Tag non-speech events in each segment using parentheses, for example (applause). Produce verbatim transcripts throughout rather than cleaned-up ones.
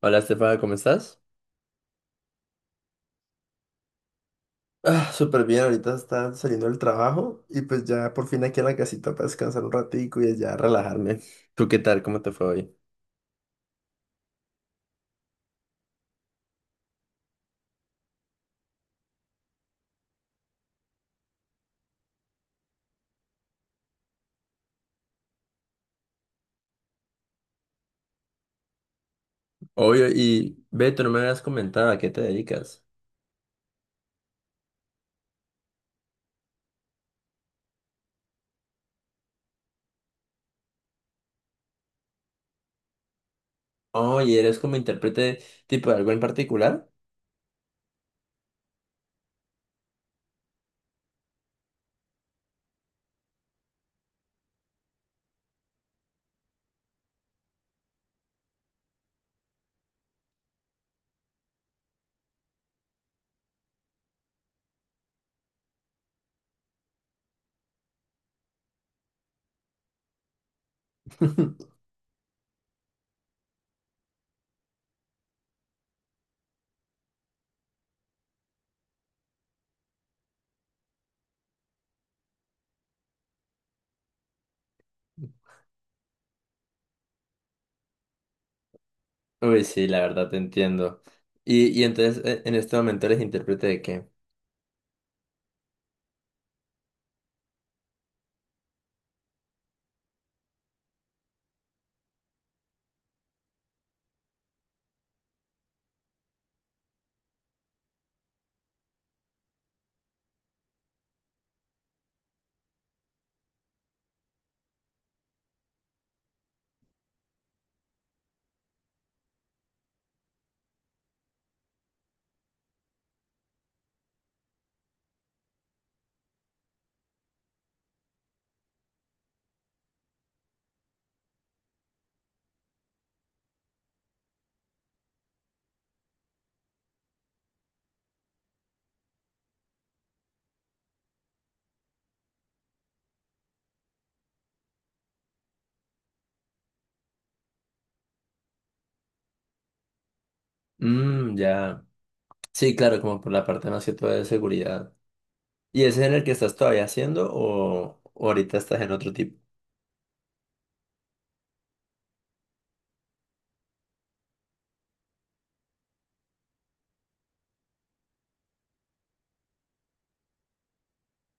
Hola, Estefana, ¿cómo estás? Ah, súper bien, ahorita está saliendo del trabajo y pues ya por fin aquí en la casita para descansar un ratico y ya relajarme. ¿Tú qué tal? ¿Cómo te fue hoy? Oye, y Beto, no me habías comentado a qué te dedicas. Oye, ¿eres como intérprete tipo de algo en particular? (laughs) Uy, sí, la verdad te entiendo. Y, y entonces, e- en este momento ¿eres intérprete de qué? Mmm, ya. Sí, claro, como por la parte más que todo de seguridad. ¿Y ese es en el que estás todavía haciendo o o ahorita estás en otro tipo?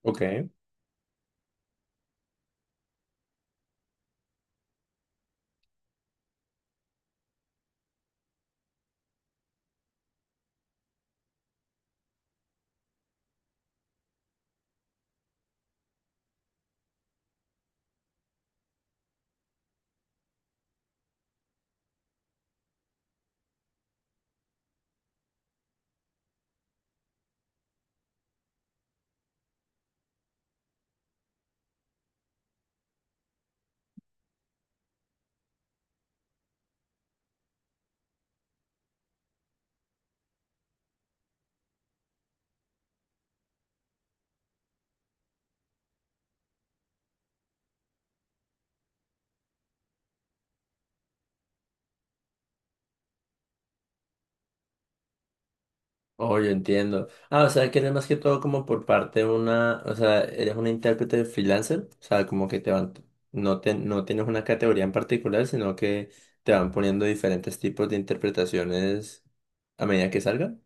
Ok. Oh, yo entiendo. Ah, o sea, que eres más que todo como por parte de una, o sea, eres una intérprete freelancer, o sea, como que te van, no te, no tienes una categoría en particular, sino que te van poniendo diferentes tipos de interpretaciones a medida que salgan.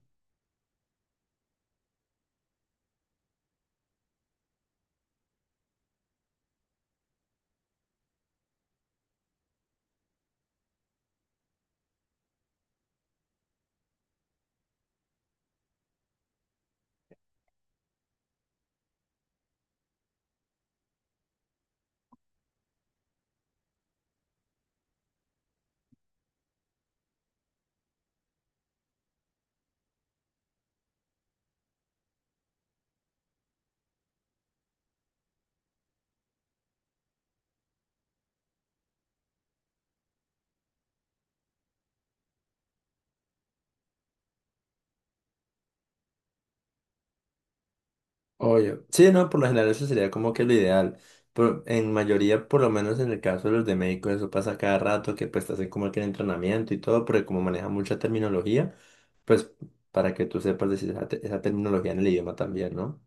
Obvio. Sí, no, por lo general eso sería como que lo ideal. Por- en mayoría, por lo menos en el caso de los de médicos, eso pasa cada rato, que pues te hacen como que el entrenamiento y todo, porque como maneja mucha terminología, pues para que tú sepas decir esa, te- esa terminología en el idioma también, ¿no?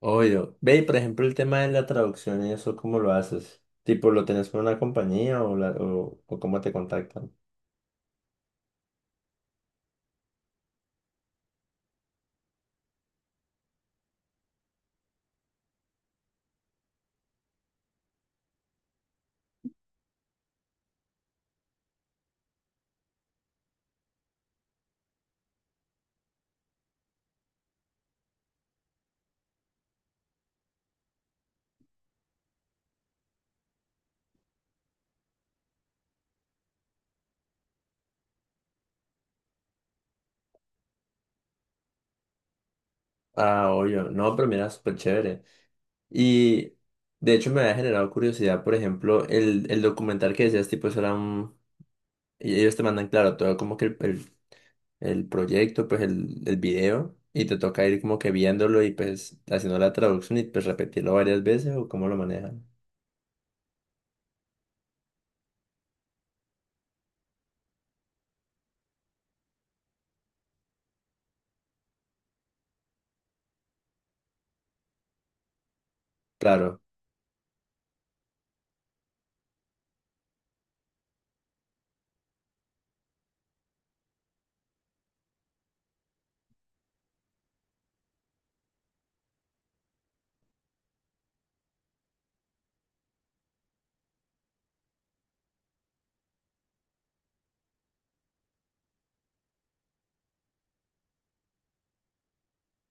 Obvio. Ve, y por ejemplo, el tema de la traducción y eso, ¿cómo lo haces? Tipo, ¿lo tenés con una compañía o, la, o, o ¿cómo te contactan? Ah, obvio. No, pero mira, súper chévere. Y de hecho me había generado curiosidad, por ejemplo, el, el documental que decías, tipo, eso era un... y ellos te mandan, claro, todo como que el, el, el proyecto, pues el, el video, y te toca ir como que viéndolo y pues haciendo la traducción y pues repetirlo varias veces o cómo lo manejan. Claro.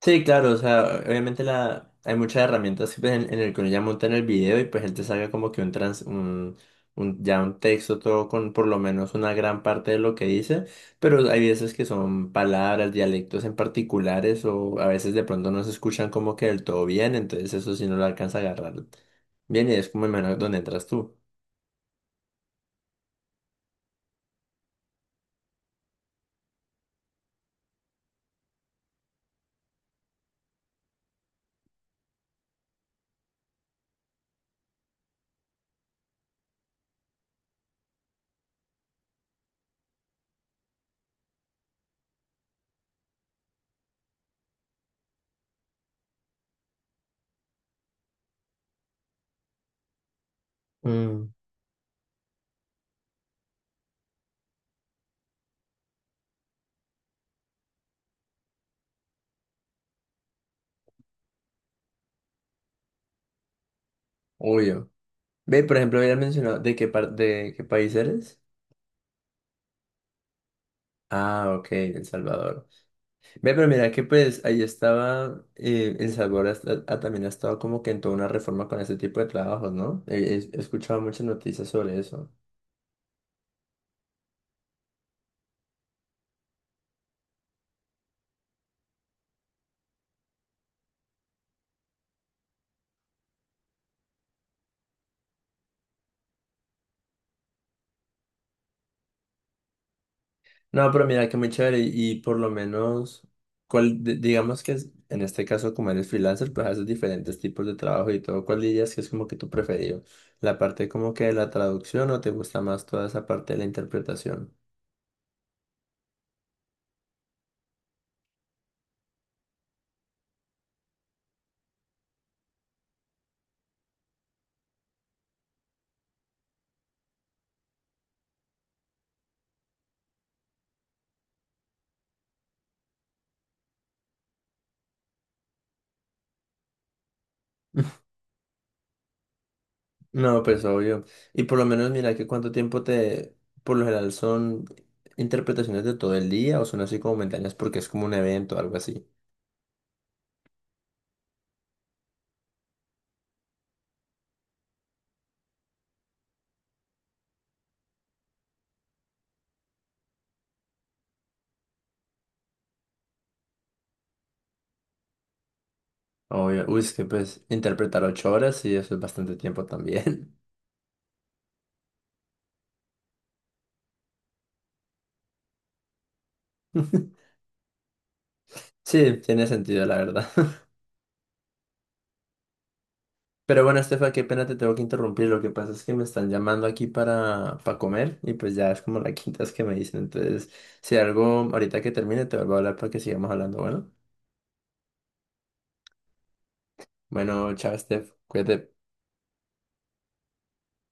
Sí, claro, o sea, obviamente la, hay muchas herramientas que, pues, en, en el que uno ya monta en el video y pues él te salga como que un trans, un, un- ya un texto todo con por lo menos una gran parte de lo que dice, pero hay veces que son palabras, dialectos en particulares o a veces de pronto no se escuchan como que del todo bien, entonces eso sí no lo alcanza a agarrar bien y es como el menos donde entras tú. Mm, obvio. Ve, por ejemplo, habías mencionado de qué par- de qué país eres. Ah, ok, El Salvador. Ve, pero mira que pues ahí estaba, eh, El Salvador hasta- ha- también ha estado como que en toda una reforma con ese tipo de trabajos, ¿no? He, he- he escuchado muchas noticias sobre eso. No, pero mira que muy chévere y, y por lo menos, cuál, di- digamos que es- en este caso como eres freelancer, pues haces diferentes tipos de trabajo y todo. ¿Cuál dirías que es como que tu preferido? ¿La parte como que de la traducción o te gusta más toda esa parte de la interpretación? No, pues obvio. Y por lo menos mira que cuánto tiempo te, por lo general son interpretaciones de todo el día o son así como momentáneas porque es como un evento o algo así. Obvio. Uy, es que pues interpretar ocho horas y eso es bastante tiempo también. (laughs) Sí, tiene sentido, la verdad. (laughs) Pero bueno, Estefa, qué pena te tengo que interrumpir. Lo que pasa es que me están llamando aquí para, para comer y pues ya es como la quinta vez que me dicen. Entonces, si algo ahorita que termine te vuelvo a hablar para que sigamos hablando. Bueno, bueno, chao, Estef. Cuídate.